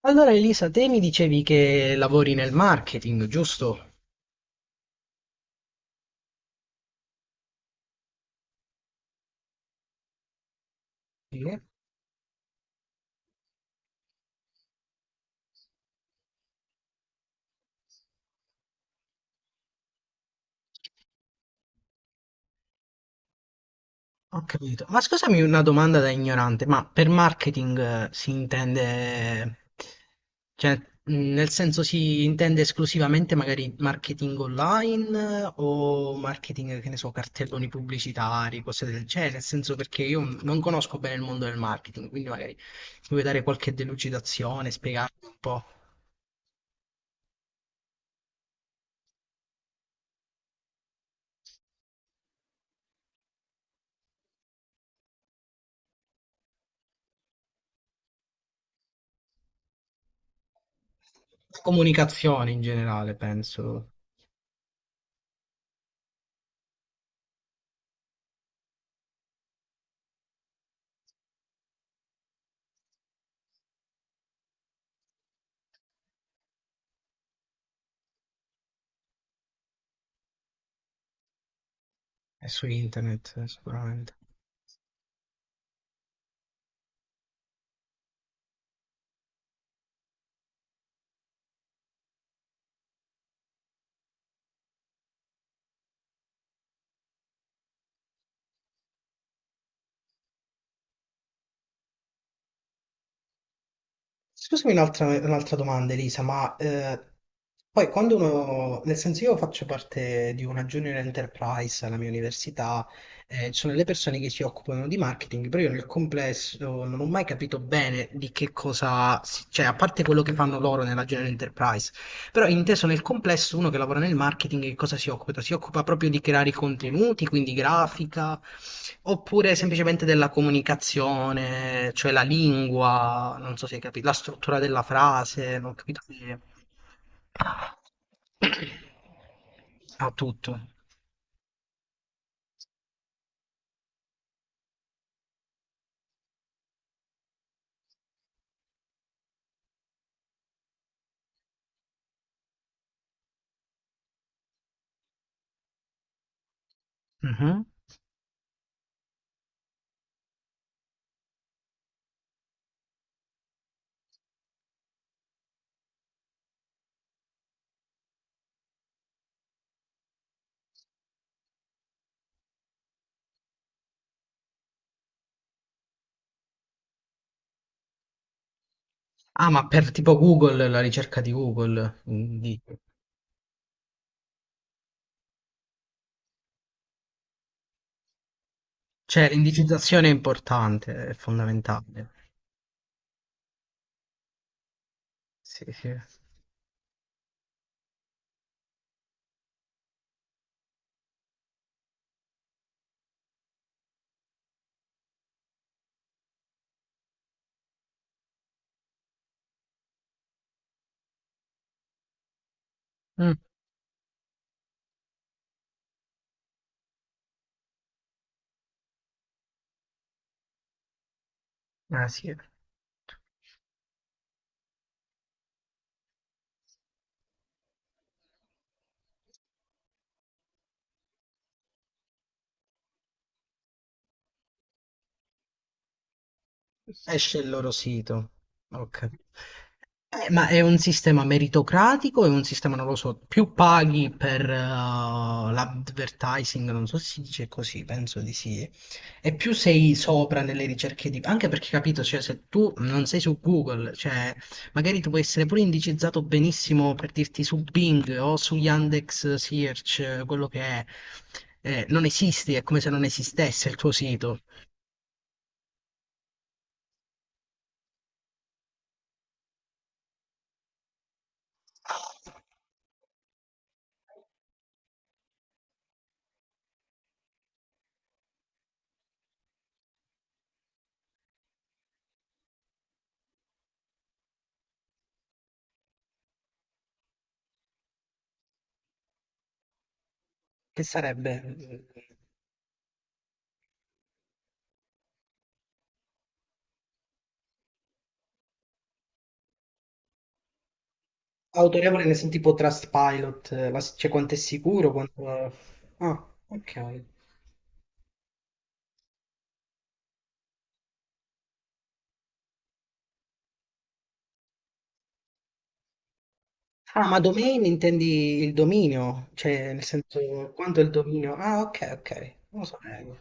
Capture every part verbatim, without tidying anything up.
Allora Elisa, te mi dicevi che lavori nel marketing, giusto? Sì. Ho capito. Ma scusami una domanda da ignorante, ma per marketing eh, si intende, cioè, mh, nel senso si intende esclusivamente magari marketing online eh, o marketing, che ne so, cartelloni pubblicitari, cose del genere, nel senso perché io non conosco bene il mondo del marketing, quindi magari mi vuoi dare qualche delucidazione, spiegarmi un po'. La comunicazione in generale, penso. È su internet, eh, sicuramente. Scusami un'altra un'altra domanda, Elisa, ma eh, poi quando uno, nel senso io faccio parte di una junior enterprise alla mia università, eh, ci sono le persone che si occupano di marketing, però io nel complesso non ho mai capito bene di che cosa, si- cioè a parte quello che fanno loro nella junior enterprise, però inteso nel complesso, uno che lavora nel marketing, che cosa si occupa? Si occupa proprio di creare i contenuti, quindi grafica, oppure semplicemente della comunicazione, cioè la lingua, non so se hai capito, la struttura della frase, non ho capito se... Ha tutto. Mhm. Ah, ma per tipo Google, la ricerca di Google, mm, di- cioè l'indicizzazione è importante, è fondamentale. Sì, sì. Mm, ah, sì. Esce il loro sito. Ok. Eh, ma è un sistema meritocratico? È un sistema, non lo so, più paghi per eh, l'advertising, non so se si dice così, penso di sì. E più sei sopra nelle ricerche di... Anche perché, capito, cioè, se tu non sei su Google, cioè, magari tu puoi essere pure indicizzato benissimo per dirti su Bing o su Yandex Search, eh, quello che è. Eh, non esisti, è come se non esistesse il tuo sito. Che sarebbe? Autorevole nel senso tipo Trustpilot, eh, la- cioè quanto è sicuro, quanto... Ah, ok. Ah, ma domain intendi il dominio, cioè nel senso quanto è il dominio? Ah, ok, ok. Non lo sapevo.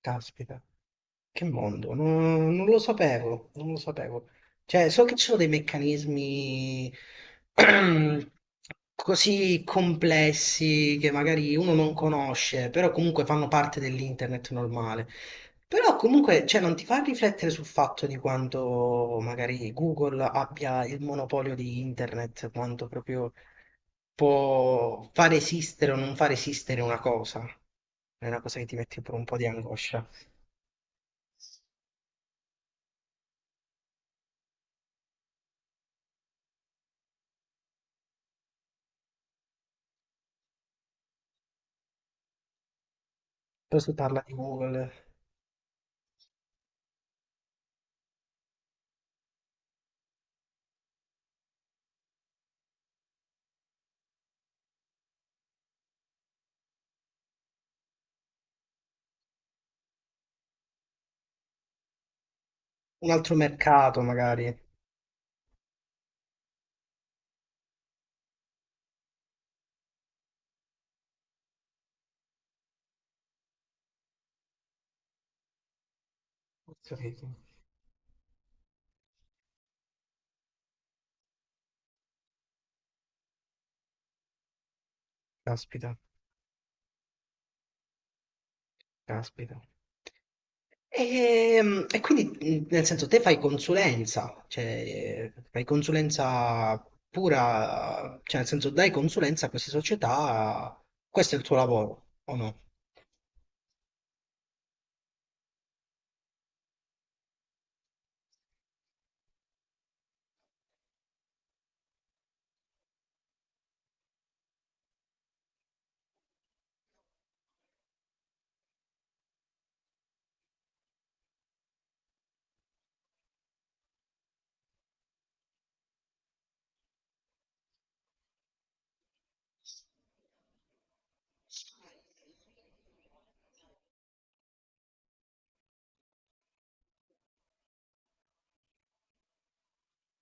Caspita. Che mondo? Non, non lo sapevo, non lo sapevo. Cioè, so che ci sono dei meccanismi così complessi che magari uno non conosce, però comunque fanno parte dell'internet normale. Però comunque, cioè, non ti fa riflettere sul fatto di quanto magari Google abbia il monopolio di internet, quanto proprio può far esistere o non far esistere una cosa. È una cosa che ti mette pure un po' di angoscia. Però si parla di Google. Un altro mercato magari. Ho capito. Caspita, caspita. E, e quindi, mh, nel senso, te fai consulenza, cioè fai consulenza pura, cioè nel senso dai consulenza a queste società, questo è il tuo lavoro, o no?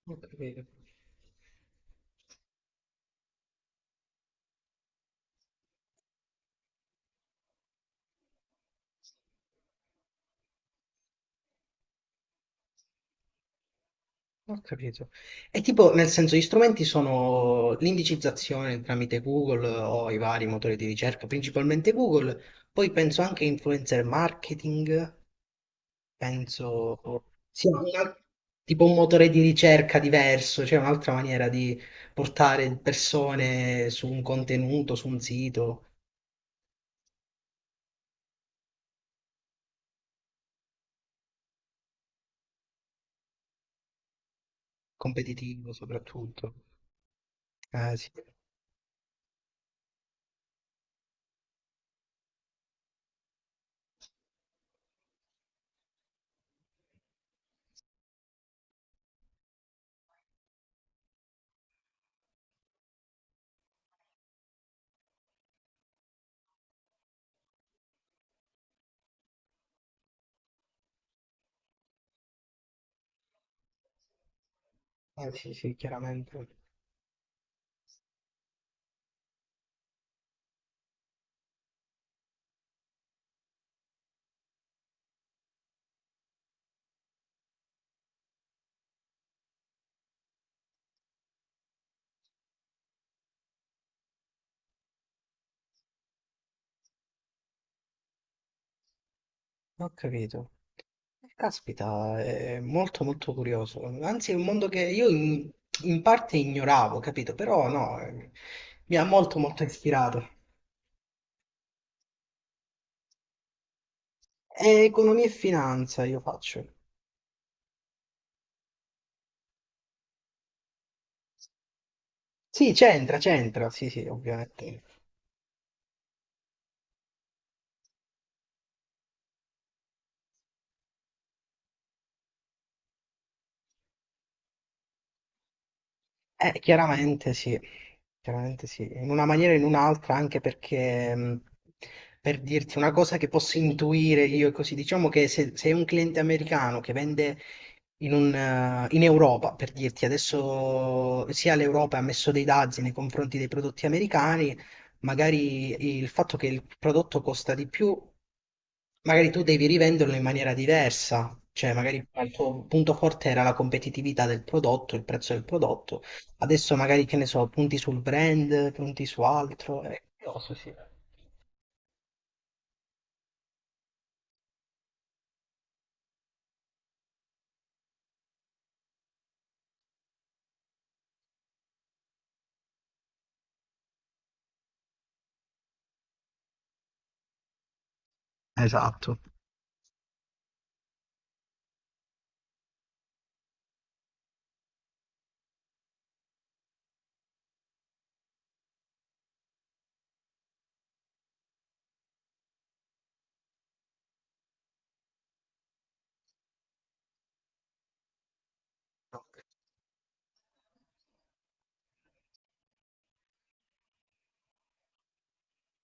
Ho capito. Ho capito. E tipo, nel senso, gli strumenti sono l'indicizzazione tramite Google o i vari motori di ricerca, principalmente Google, poi penso anche influencer marketing, penso sia un al- tipo un motore di ricerca diverso, cioè un'altra maniera di portare persone su un contenuto, su un sito competitivo soprattutto. Eh sì, eh, sì, sì, chiaramente. Ho capito. Eh, Caspita, è molto molto curioso. Anzi, è un mondo che io in, in parte ignoravo, capito? Però no, eh, mi ha molto molto ispirato. È economia e finanza io faccio. Sì, c'entra, c'entra, sì, sì, ovviamente. Eh, chiaramente sì, chiaramente sì, in una maniera o in un'altra, anche perché, mh, per dirti una cosa che posso intuire io, e così, diciamo che se, se è un cliente americano che vende in, un, eh, in Europa, per dirti, adesso sia l'Europa ha messo dei dazi nei confronti dei prodotti americani, magari il fatto che il prodotto costa di più, magari tu devi rivenderlo in maniera diversa, cioè magari il tuo punto forte era la competitività del prodotto, il prezzo del prodotto, adesso magari che ne so, punti sul brand, punti su altro, è grosso, sì. Esatto.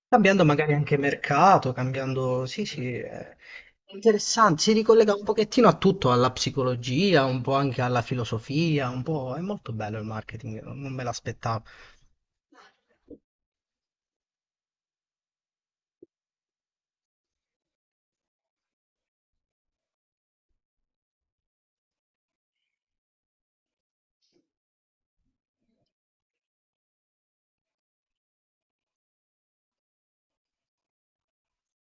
Cambiando magari anche mercato, cambiando... Sì, sì, è interessante, si ricollega un pochettino a tutto, alla psicologia, un po' anche alla filosofia, un po'... È molto bello il marketing, non me l'aspettavo.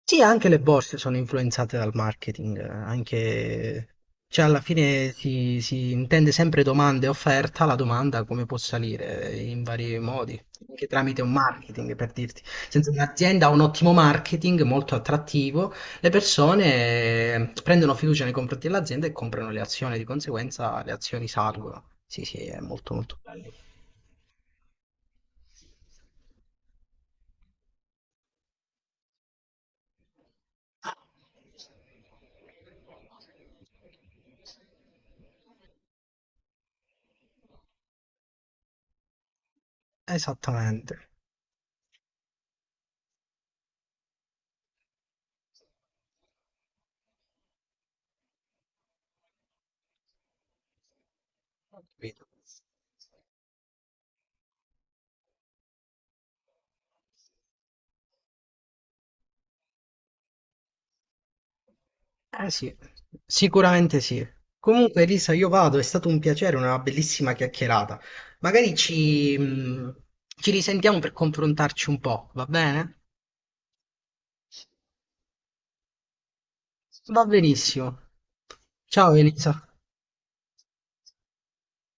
Sì, anche le borse sono influenzate dal marketing, eh, anche... Cioè, alla fine si, si intende sempre domanda e offerta, la domanda come può salire eh, in vari modi, anche tramite un marketing, per dirti. Senza un'azienda ha un ottimo marketing, molto attrattivo, le persone eh, prendono fiducia nei confronti dell'azienda e comprano le azioni, di conseguenza le azioni salgono. Sì, sì, è molto molto bello. Esattamente. Ho capito. Eh sì, sicuramente sì. Comunque, Elisa, io vado, è stato un piacere, una bellissima chiacchierata. Magari ci, mh, ci risentiamo per confrontarci un po', va bene? Va benissimo. Ciao Elisa.